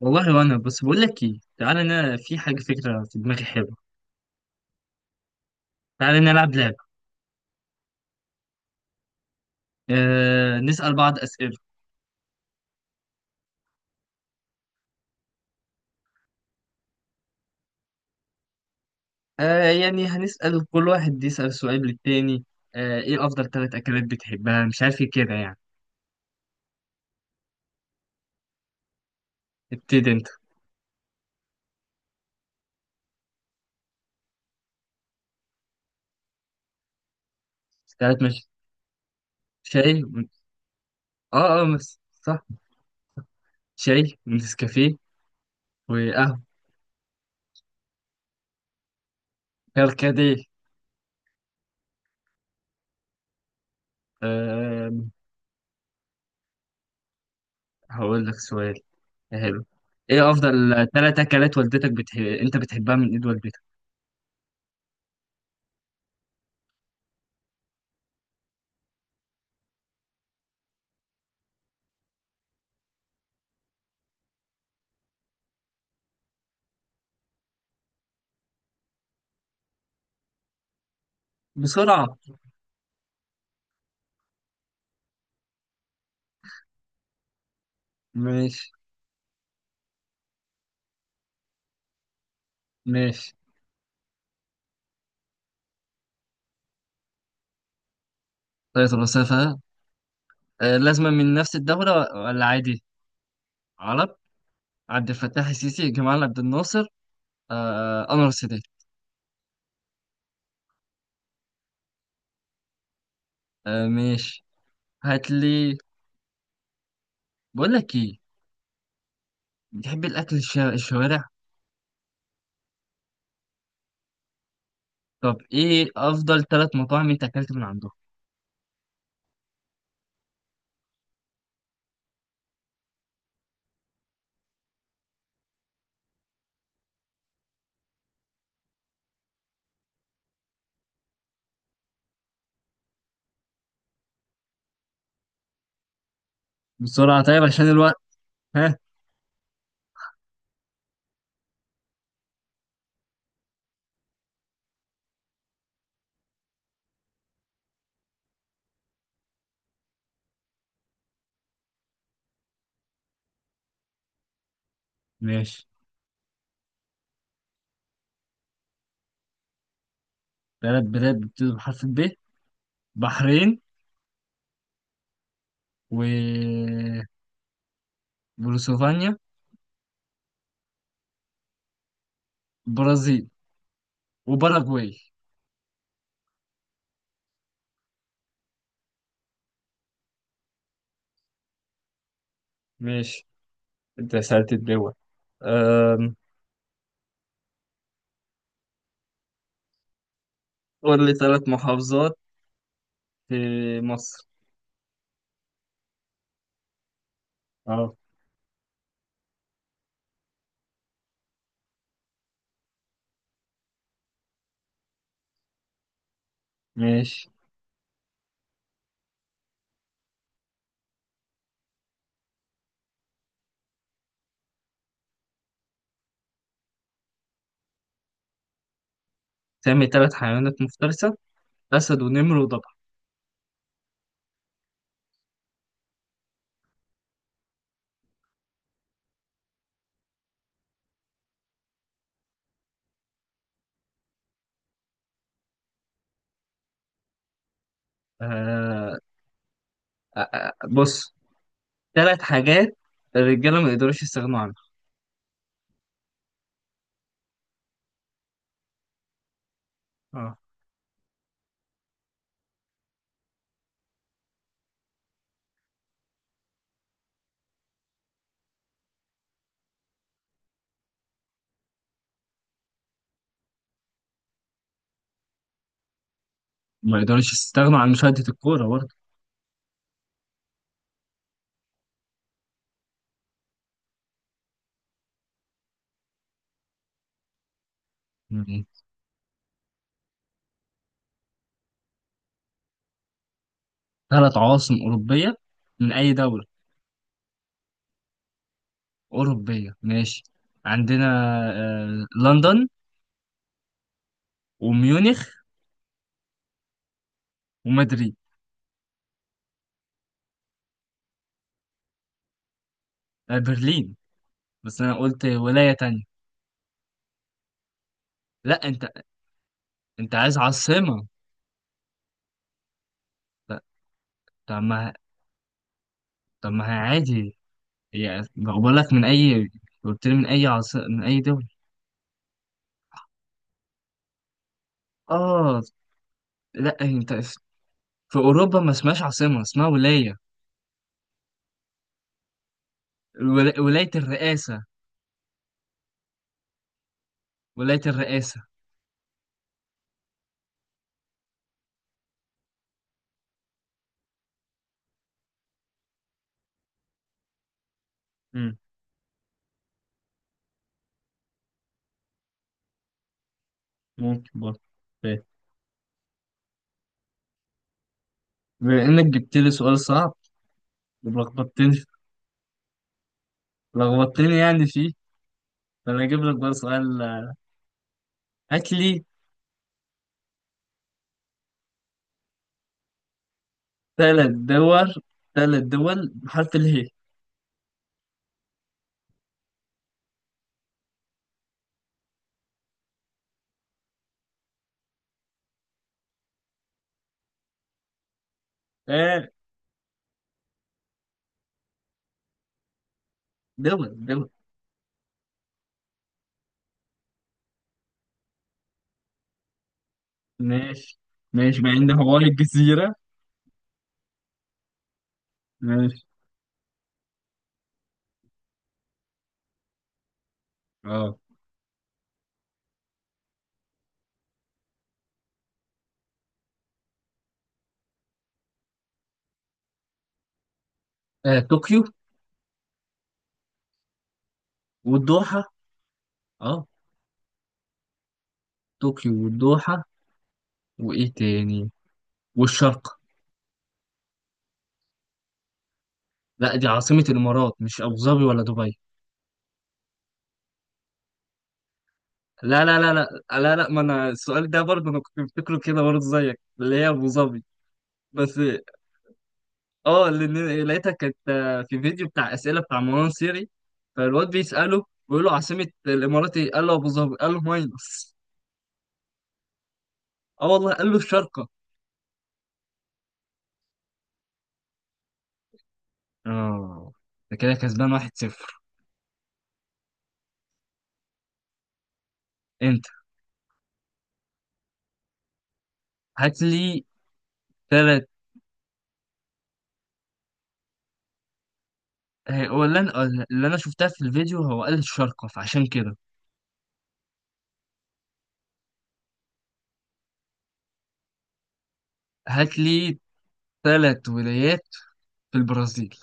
والله وانا بس بقول لك ايه، تعالى، انا في حاجه، فكره في دماغي حلوه. تعالى نلعب لعبه. نسال بعض اسئله. يعني هنسال كل واحد يسال سؤال للتاني. ايه افضل ثلاث اكلات بتحبها؟ مش عارف ايه كده يعني. ابتدي انت. ثلاث، مش، شاي ون- اه، اه، بس صح. شاي ونسكافيه وقهوه، كركديه. آه هقول لك سؤال. حلو. ايه افضل ثلاث اكلات والدتك انت بتحبها من ايد والدتك؟ بسرعه. ماشي، ماشي. طيب. الوسافة. لازمة من نفس الدولة ولا عادي؟ عرب. عبد الفتاح السيسي، جمال عبد الناصر، أنور السادات. ماشي. هات لي. بقول لك إيه، بتحب الأكل الشوارع؟ طب إيه أفضل ثلاث مطاعم أنت أكلت من عندهم؟ بسرعة. طيب عشان الوقت. ها. ماشي. ثلاث بلاد بتبتدي بحرف الب. بحرين، و بولوسوفانيا، برازيل، وباراجواي. ماشي. انت سألت الدول. أم، قول لي ثلاث محافظات في مصر. اه. ماشي. سامي ثلاث حيوانات مفترسة. أسد ونمر وضبع. آه بص. ثلاث حاجات الرجالة ما يقدروش يستغنوا عنها. اه. ما يقدروش يستغنوا عن مشاهدة الكورة برضه يعني. ثلاث عواصم أوروبية، من أي دولة أوروبية؟ ماشي، عندنا، لندن، وميونخ، ومدريد. برلين، بس أنا قلت ولاية تانية. لا، أنت. أنت عايز عاصمة. لا. طب ما طب ما هي عادي يعني. بقول لك من اي، قلت لي من اي دولة. اه. لا، انت. في اوروبا ما اسمهاش عاصمة، اسمها ولاية. ولاية الرئاسة. ولاية الرئاسة. مم. ممكن برضه. طيب. بما انك جبت لي سؤال صعب، ولخبطتني، لخبطتني يعني فيه، فانا اجيب لك بقى سؤال. هات لي ثلاث دول، ثلاث دول بحرف اله. آه دول، دول. ماشي. ماشي مع ان هواي الجزيرة. ماشي. اه. طوكيو، والدوحة. اه. طوكيو والدوحة. وايه تاني؟ والشرق. لا، دي عاصمة الامارات، مش ابو ظبي ولا دبي؟ لا، لا، لا، لا. لا، لا، ما انا السؤال ده برضه، انا كنت مفتكره كده برضه زيك اللي هي ابو ظبي. بس اه، اللي لقيتها كانت في فيديو بتاع اسئله بتاع مروان سيري، فالواد بيساله بيقول له عاصمه الامارات ايه؟ قال له ابو ظبي، قال له ماينص. اه والله، قال له الشارقه. اه. ده كده كسبان 1-0. انت. هات لي. هو اللي انا شفتها في الفيديو، هو قال الشارقة، فعشان كده. هات لي ثلاث ولايات في البرازيل.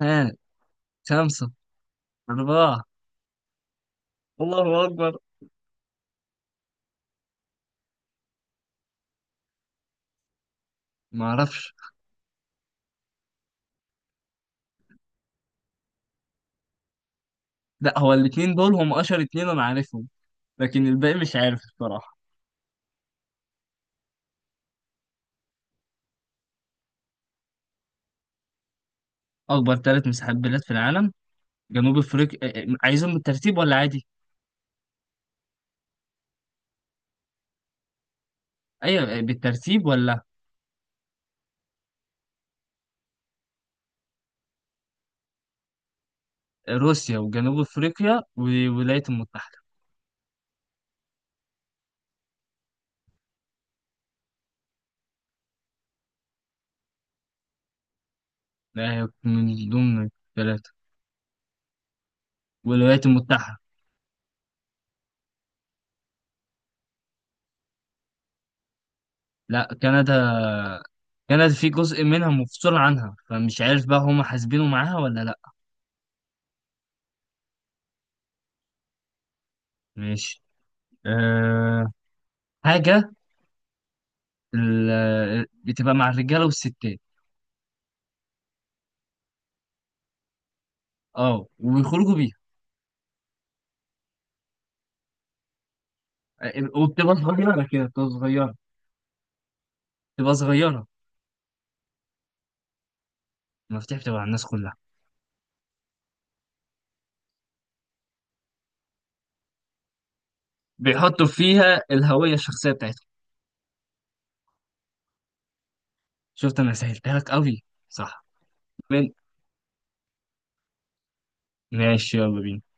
ها. خمسة. أربعة. الله أكبر. ما أعرفش. لا، هو الاتنين دول هم أشهر اتنين أنا عارفهم، لكن الباقي مش عارف الصراحة. أكبر ثلاث مساحات بلاد في العالم. جنوب أفريقيا. عايزهم بالترتيب ولا عادي؟ أيوة. بالترتيب ولا، روسيا، وجنوب أفريقيا، والولايات المتحدة. لا، هي من ضمن الثلاثة. والولايات المتحدة. لا، كندا كانت في جزء منها مفصول عنها، فمش عارف بقى هما حاسبينه معاها ولا لأ. ماشي. أه. حاجة بتبقى مع الرجالة والستات. اه، وبيخرجوا بيها. آه، وبتبقى صغيرة كده، بتبقى صغيرة، بتبقى صغيرة. المفاتيح؟ بتبقى على الناس كلها. بيحطوا فيها الهوية الشخصية بتاعتهم. شفت، أنا سهلتها لك أوي. صح. من- ماشي يلا بينا.